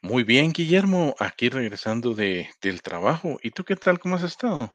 Muy bien, Guillermo, aquí regresando del trabajo. ¿Y tú qué tal? ¿Cómo has estado?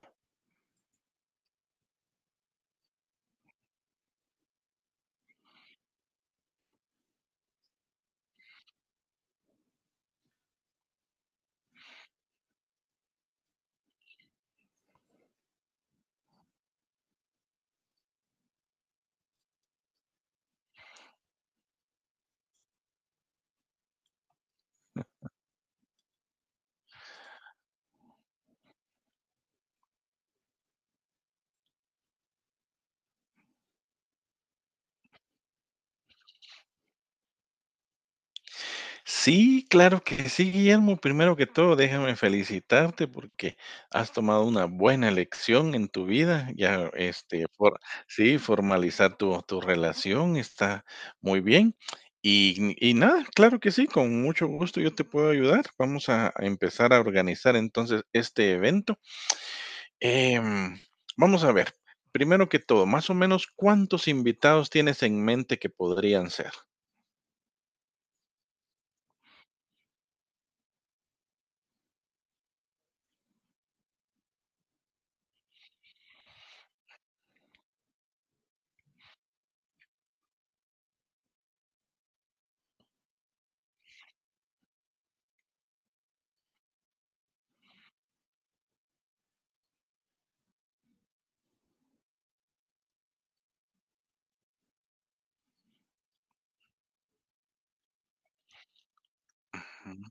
Sí, claro que sí, Guillermo. Primero que todo, déjame felicitarte porque has tomado una buena elección en tu vida. Ya, sí, formalizar tu relación está muy bien. Y nada, claro que sí, con mucho gusto yo te puedo ayudar. Vamos a empezar a organizar entonces este evento. Em, Vamos a ver, primero que todo, más o menos, ¿cuántos invitados tienes en mente que podrían ser? Ujú.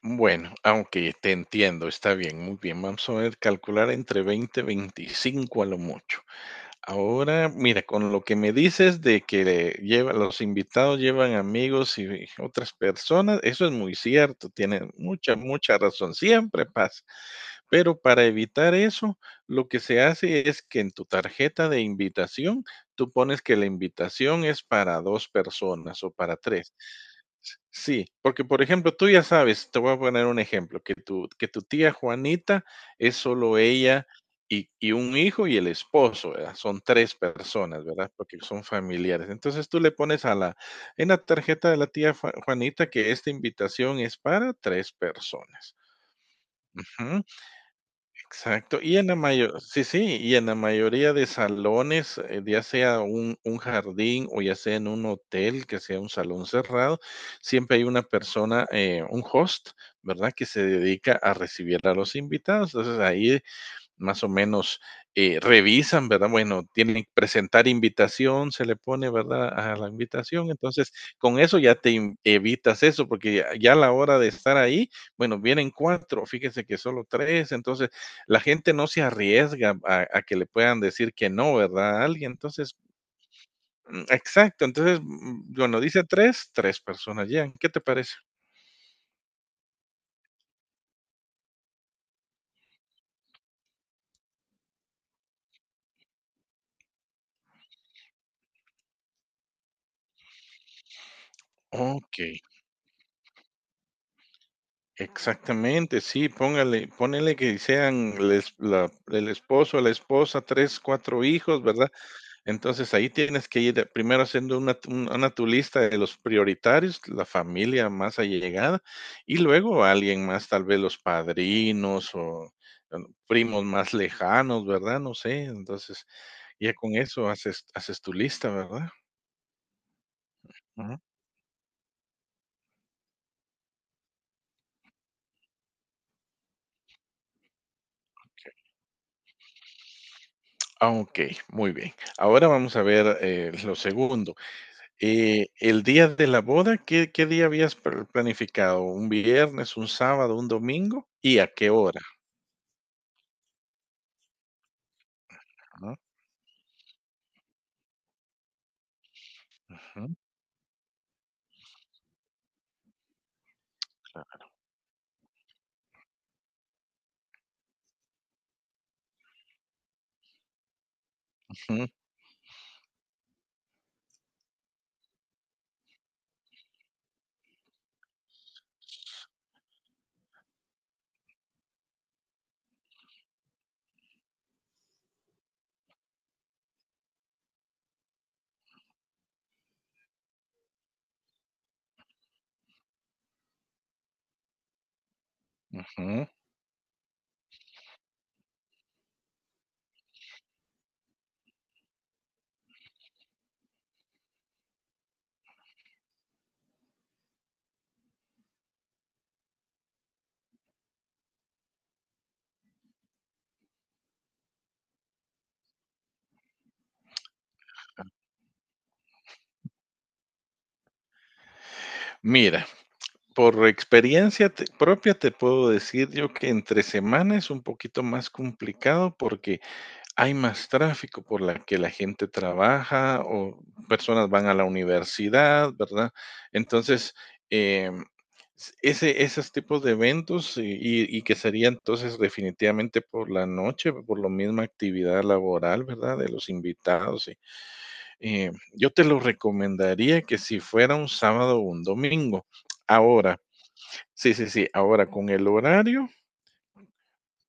Bueno, aunque te entiendo, está bien, muy bien. Vamos a ver, calcular entre 20 25 a lo mucho. Ahora, mira, con lo que me dices de que lleva, los invitados llevan amigos y otras personas, eso es muy cierto, tienes mucha, mucha razón, siempre pasa. Pero para evitar eso, lo que se hace es que en tu tarjeta de invitación, tú pones que la invitación es para 2 personas o para 3. Sí, porque, por ejemplo, tú ya sabes, te voy a poner un ejemplo, que tu tía Juanita es solo ella y un hijo y el esposo, ¿verdad? Son 3 personas, ¿verdad? Porque son familiares. Entonces, tú le pones a la en la tarjeta de la tía Juanita que esta invitación es para 3 personas. Ujú. Exacto, y en la mayo sí, sí, y en la mayoría de salones, ya sea un jardín o ya sea en un hotel, que sea un salón cerrado, siempre hay una persona, un host, ¿verdad?, que se dedica a recibir a los invitados. Entonces, ahí más o menos revisan, ¿verdad? Bueno, tienen que presentar invitación, se le pone, ¿verdad? A la invitación. Entonces, con eso ya evitas eso, porque ya, ya a la hora de estar ahí, bueno, vienen cuatro, fíjese que solo tres. Entonces, la gente no se arriesga a que le puedan decir que no, ¿verdad? A alguien. Entonces, exacto. Entonces, bueno, dice tres, tres personas llegan. ¿Qué te parece? Ok. Exactamente, sí, póngale, ponele que sean el esposo, la esposa, tres, cuatro hijos, ¿verdad? Entonces ahí tienes que ir primero haciendo una tu lista de los prioritarios, la familia más allegada, y luego alguien más, tal vez los padrinos o eh, primos más lejanos, ¿verdad? No sé, entonces ya con eso haces tu lista, ¿verdad? Ujú. Ah, ok, muy bien. Ahora vamos a ver lo segundo. El día de la boda, ¿qué día habías planificado? ¿Un viernes, un sábado, un domingo? ¿Y a qué hora? ¿No? Ujú, ujú, Ujú. Mira, por propia te puedo decir yo que entre semana es un poquito más complicado porque hay más tráfico por la que la gente trabaja o personas van a la universidad, ¿verdad? Entonces, em, esos tipos de eventos y que sería entonces definitivamente por la noche, por la misma actividad laboral, ¿verdad? De los invitados. Y, yo te lo recomendaría que si fuera un sábado o un domingo. Ahora, sí, ahora con el horario.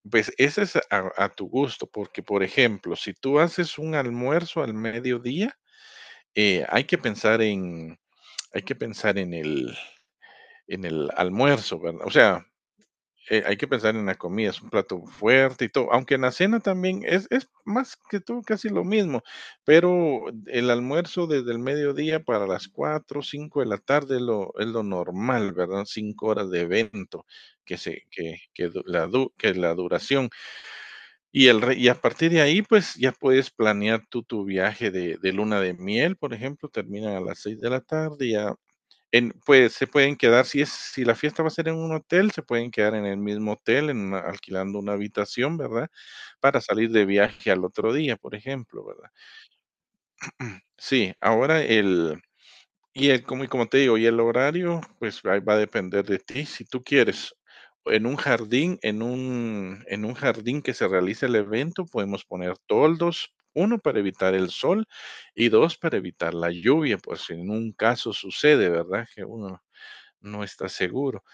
Pues ese es a tu gusto, porque, por ejemplo, si tú haces un almuerzo al mediodía, eh, hay que pensar en hay que pensar en el almuerzo, ¿verdad? O sea, hay que pensar en la comida, es un plato fuerte y todo, aunque en la cena también es más que todo casi lo mismo, pero el almuerzo desde el mediodía para las 4, 5 de la tarde es lo normal, ¿verdad? 5 horas de evento que se que du la du que la duración. Y el re Y a partir de ahí, pues, ya puedes planear tú tu viaje de luna de miel, por ejemplo, termina a las 6 de la tarde, ya en pues, se pueden quedar, si la fiesta va a ser en un hotel, se pueden quedar en el mismo hotel, en una alquilando una habitación, ¿verdad? Para salir de viaje al otro día, por ejemplo, ¿verdad? Sí, ahora el y el, como, y como te digo, y el horario, pues ahí va a depender de ti. Si tú quieres en un jardín, en un jardín que se realice el evento, podemos poner toldos, uno para evitar el sol y dos para evitar la lluvia, pues si en un caso sucede, ¿verdad? Que uno no está seguro.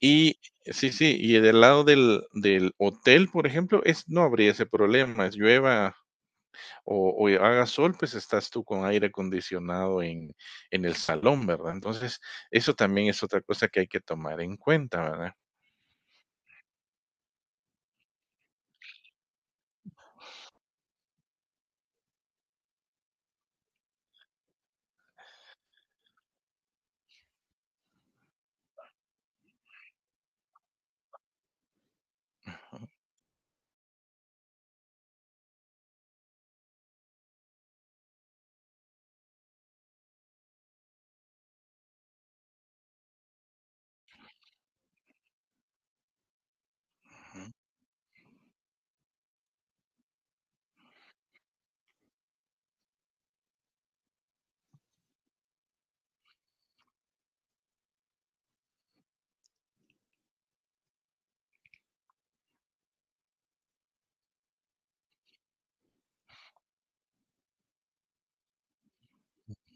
Y sí, y del lado del hotel, por ejemplo, no habría ese problema, llueva o haga sol, pues estás tú con aire acondicionado en el salón, ¿verdad? Entonces, eso también es otra cosa que hay que tomar en cuenta, ¿verdad?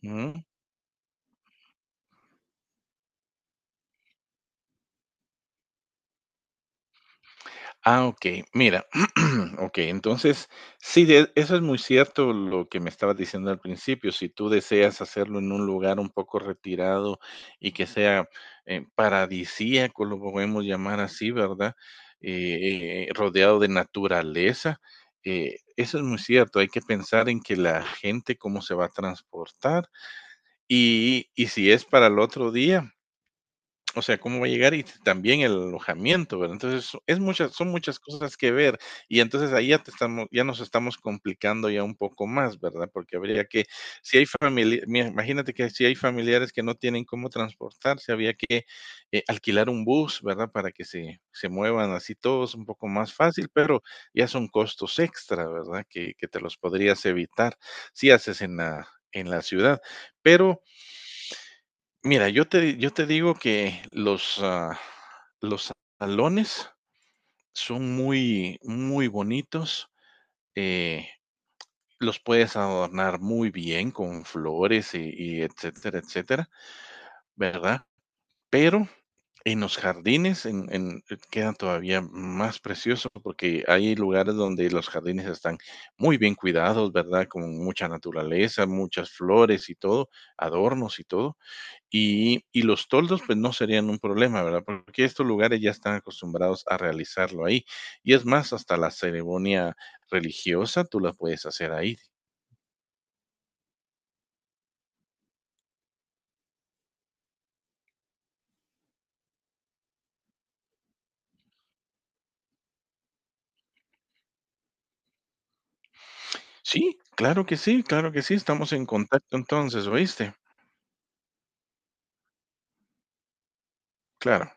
Ujú. Ah, okey. Mira, okey, entonces, sí, de eso es muy cierto lo que me estabas diciendo al principio. Si tú deseas hacerlo en un lugar un poco retirado y que sea, paradisíaco, lo podemos llamar así, ¿verdad? Rodeado de naturaleza, eso es muy cierto. Hay que pensar en que la gente cómo se va a transportar y si es para el otro día, o sea, cómo va a llegar y también el alojamiento, ¿verdad? Entonces, so- es muchas son muchas cosas que ver, y entonces ahí ya nos estamos complicando ya un poco más, ¿verdad? Porque habría que si hay famili imagínate que si hay familiares que no tienen cómo transportarse, había que, alquilar un bus, ¿verdad? Para que se muevan así todos un poco más fácil, pero ya son costos extra, ¿verdad? Que te los podrías evitar si haces en la ciudad. Pero, mira, yo te digo que los salones son muy, muy bonitos, eh, los puedes adornar muy bien con flores y etcétera, etcétera, ¿verdad? Pero en los jardines, en queda todavía más precioso, porque hay lugares donde los jardines están muy bien cuidados, ¿verdad? Con mucha naturaleza, muchas flores y todo, adornos y todo. Y los toldos, pues no serían un problema, ¿verdad? Porque estos lugares ya están acostumbrados a realizarlo ahí. Y es más, hasta la ceremonia religiosa tú la puedes hacer ahí. Sí, claro que sí, claro que sí, estamos en contacto entonces, ¿oíste? Claro.